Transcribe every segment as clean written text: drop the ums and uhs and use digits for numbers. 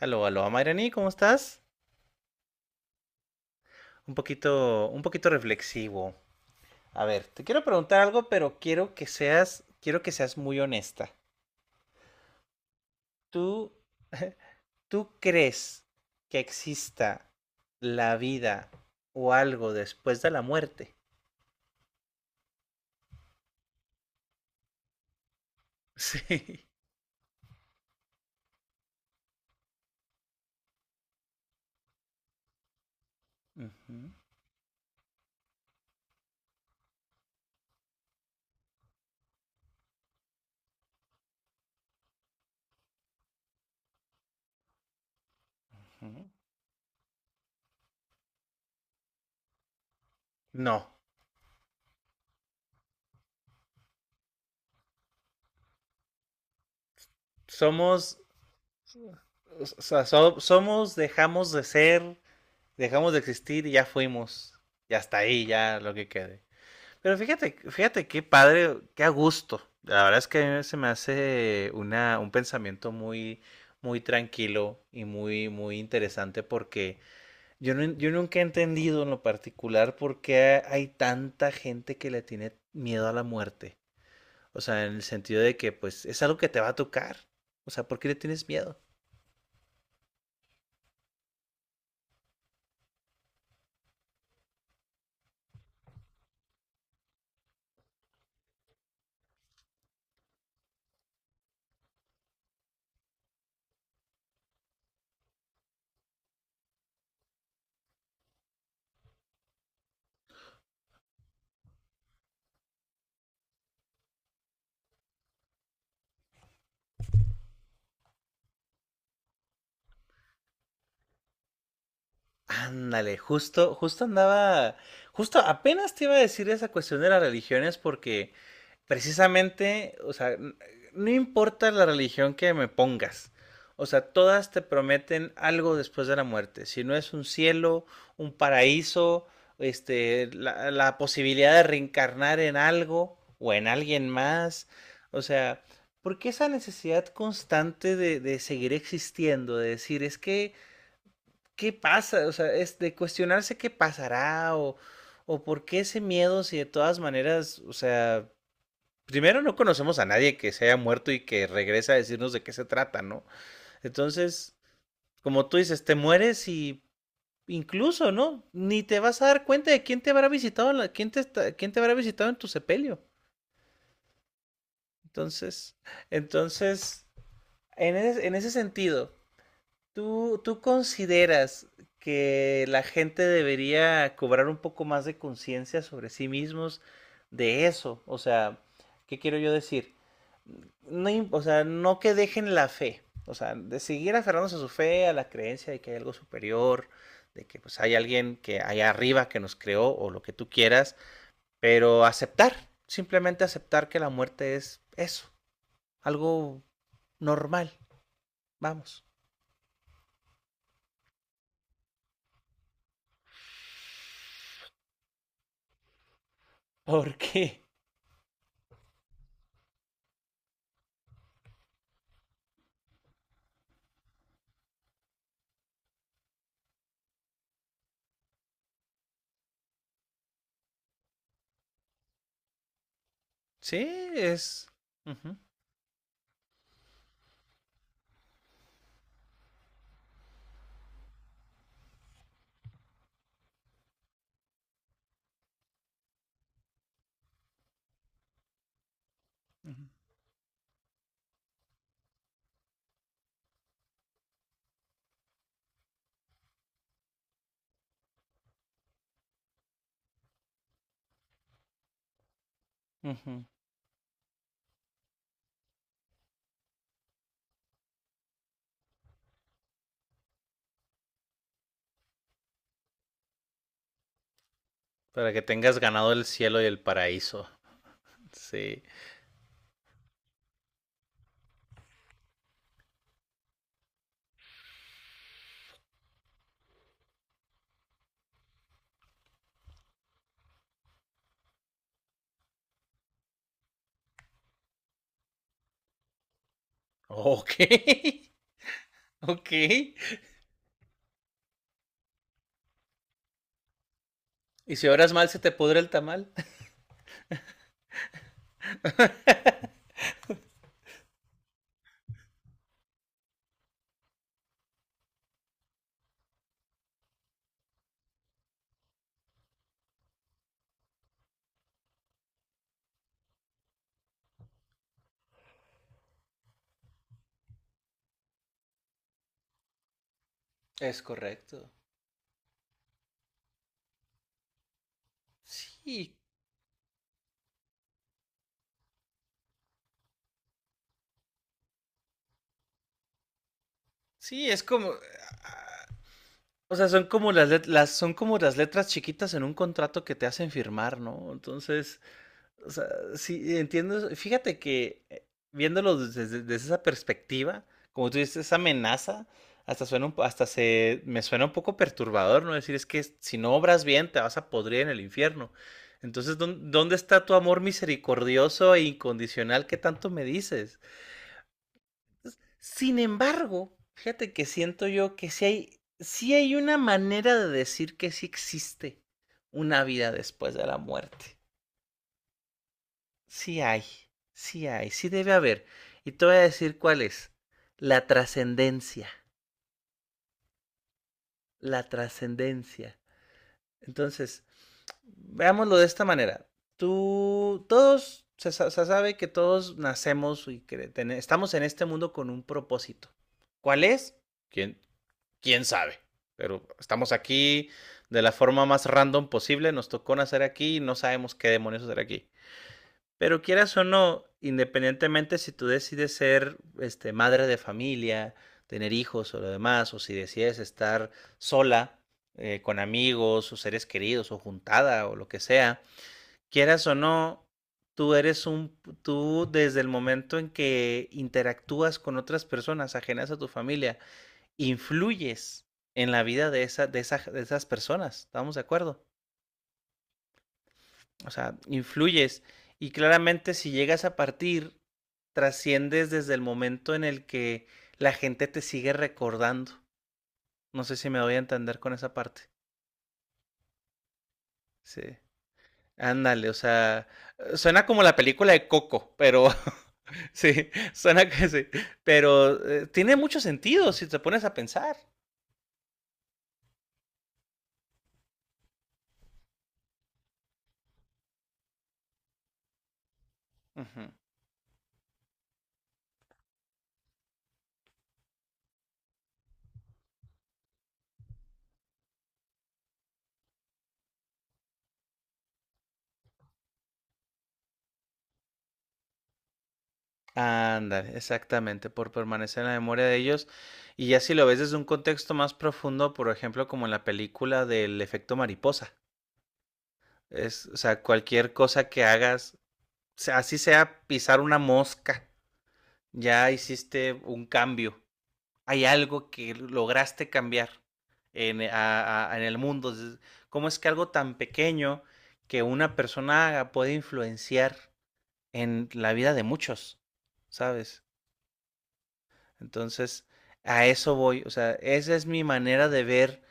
Aló, aló, Mayrani, ¿cómo estás? Un poquito reflexivo. A ver, te quiero preguntar algo, pero quiero que seas muy honesta. ¿Tú, tú crees que exista la vida o algo después de la muerte? Sí. Ujú, ujú. No, somos, o sea, somos, dejamos de ser, dejamos de existir y ya fuimos. Y hasta ahí, ya lo que quede. Pero fíjate qué padre, qué a gusto. La verdad es que a mí se me hace una, un pensamiento muy, muy tranquilo y muy, muy interesante porque yo, yo nunca he entendido en lo particular por qué hay tanta gente que le tiene miedo a la muerte. O sea, en el sentido de que pues es algo que te va a tocar. O sea, ¿por qué le tienes miedo? Ándale, justo andaba, justo apenas te iba a decir esa cuestión de las religiones porque precisamente, o sea, no importa la religión que me pongas, o sea, todas te prometen algo después de la muerte, si no es un cielo, un paraíso, este, la posibilidad de reencarnar en algo o en alguien más, o sea, ¿por qué esa necesidad constante de seguir existiendo, de decir, es que qué pasa, o sea, es de cuestionarse qué pasará o por qué ese miedo si de todas maneras, o sea, primero no conocemos a nadie que se haya muerto y que regrese a decirnos de qué se trata, ¿no? Entonces, como tú dices, te mueres y incluso, ¿no? Ni te vas a dar cuenta de quién te habrá visitado, la, quién, te está, quién te habrá visitado en tu sepelio. Entonces, entonces, en ese sentido, ¿Tú consideras que la gente debería cobrar un poco más de conciencia sobre sí mismos de eso? O sea, ¿qué quiero yo decir? No, o sea, no que dejen la fe, o sea, de seguir aferrándose a su fe, a la creencia de que hay algo superior, de que pues hay alguien que allá arriba que nos creó o lo que tú quieras, pero aceptar, simplemente aceptar que la muerte es eso, algo normal, vamos. ¿Por qué? Sí, es. Ujú, ujú, ujú. Para que tengas ganado el cielo y el paraíso. Sí. Ok. Ok. Y si oras mal, se te pudre el tamal. Es correcto. Sí. Sí, es como. Ah, o sea, son como las, son como las letras chiquitas en un contrato que te hacen firmar, ¿no? Entonces, o sea, sí, entiendo eso. Fíjate que viéndolo desde, desde esa perspectiva, como tú dices, esa amenaza, hasta suena un hasta se me suena un poco perturbador, ¿no? Decir, es que si no obras bien, te vas a podrir en el infierno. Entonces, ¿dónde está tu amor misericordioso e incondicional que tanto me dices? Sin embargo, fíjate que siento yo que sí hay una manera de decir que sí existe una vida después de la muerte. Sí hay, sí hay, sí debe haber. Y te voy a decir cuál es. La trascendencia, la trascendencia. Entonces, veámoslo de esta manera. Tú, todos, se sabe que todos nacemos y que estamos en este mundo con un propósito. ¿Cuál es? ¿Quién, quién sabe? Pero estamos aquí de la forma más random posible, nos tocó nacer aquí y no sabemos qué demonios hacer aquí. Pero quieras o no, independientemente si tú decides ser, este, madre de familia, tener hijos o lo demás, o si decides estar sola, con amigos o seres queridos o juntada o lo que sea, quieras o no, tú desde el momento en que interactúas con otras personas ajenas a tu familia, influyes en la vida de esa, de esa, de esas personas, ¿estamos de acuerdo? O sea, influyes. Y claramente si llegas a partir, trasciendes desde el momento en el que la gente te sigue recordando. No sé si me voy a entender con esa parte. Sí. Ándale, o sea, suena como la película de Coco, pero sí, suena que sí. Pero tiene mucho sentido si te pones a pensar. Ujú. Ándale, exactamente, por permanecer en la memoria de ellos. Y ya si lo ves desde un contexto más profundo, por ejemplo, como en la película del efecto mariposa. Es, o sea, cualquier cosa que hagas, así sea pisar una mosca, ya hiciste un cambio. Hay algo que lograste cambiar en, en el mundo. ¿Cómo es que algo tan pequeño que una persona haga puede influenciar en la vida de muchos? ¿Sabes? Entonces, a eso voy. O sea, esa es mi manera de ver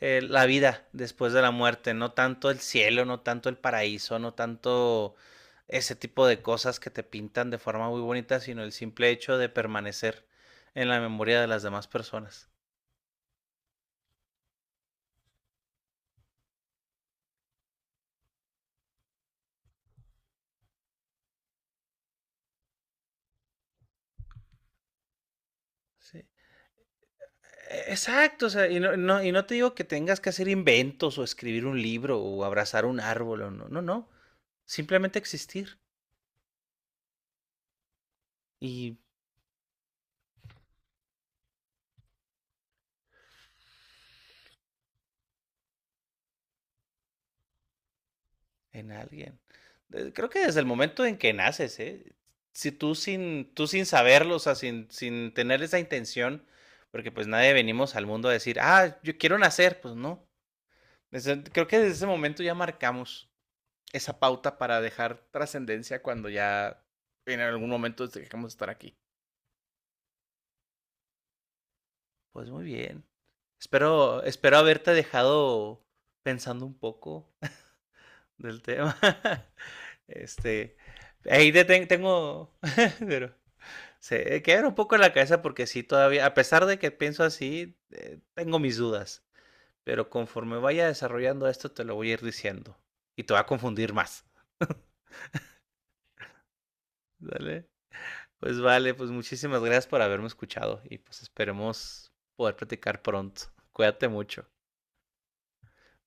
la vida después de la muerte. No tanto el cielo, no tanto el paraíso, no tanto ese tipo de cosas que te pintan de forma muy bonita, sino el simple hecho de permanecer en la memoria de las demás personas. ¿Sí? Exacto, o sea, y no, y no te digo que tengas que hacer inventos o escribir un libro o abrazar un árbol, o no, no, no, simplemente existir y en alguien. Creo que desde el momento en que naces, ¿eh? Si tú sin saberlo, o sea, sin, sin tener esa intención, porque pues nadie venimos al mundo a decir, ah, yo quiero nacer, pues no. Creo que desde ese momento ya marcamos esa pauta para dejar trascendencia cuando ya en algún momento dejemos de estar aquí. Pues muy bien. Espero haberte dejado pensando un poco del tema. Este, ahí te tengo, pero se queda un poco en la cabeza porque sí, todavía, a pesar de que pienso así, tengo mis dudas. Pero conforme vaya desarrollando esto, te lo voy a ir diciendo. Y te va a confundir más. ¿Vale? Pues vale, pues muchísimas gracias por haberme escuchado. Y pues esperemos poder platicar pronto. Cuídate mucho.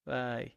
Bye.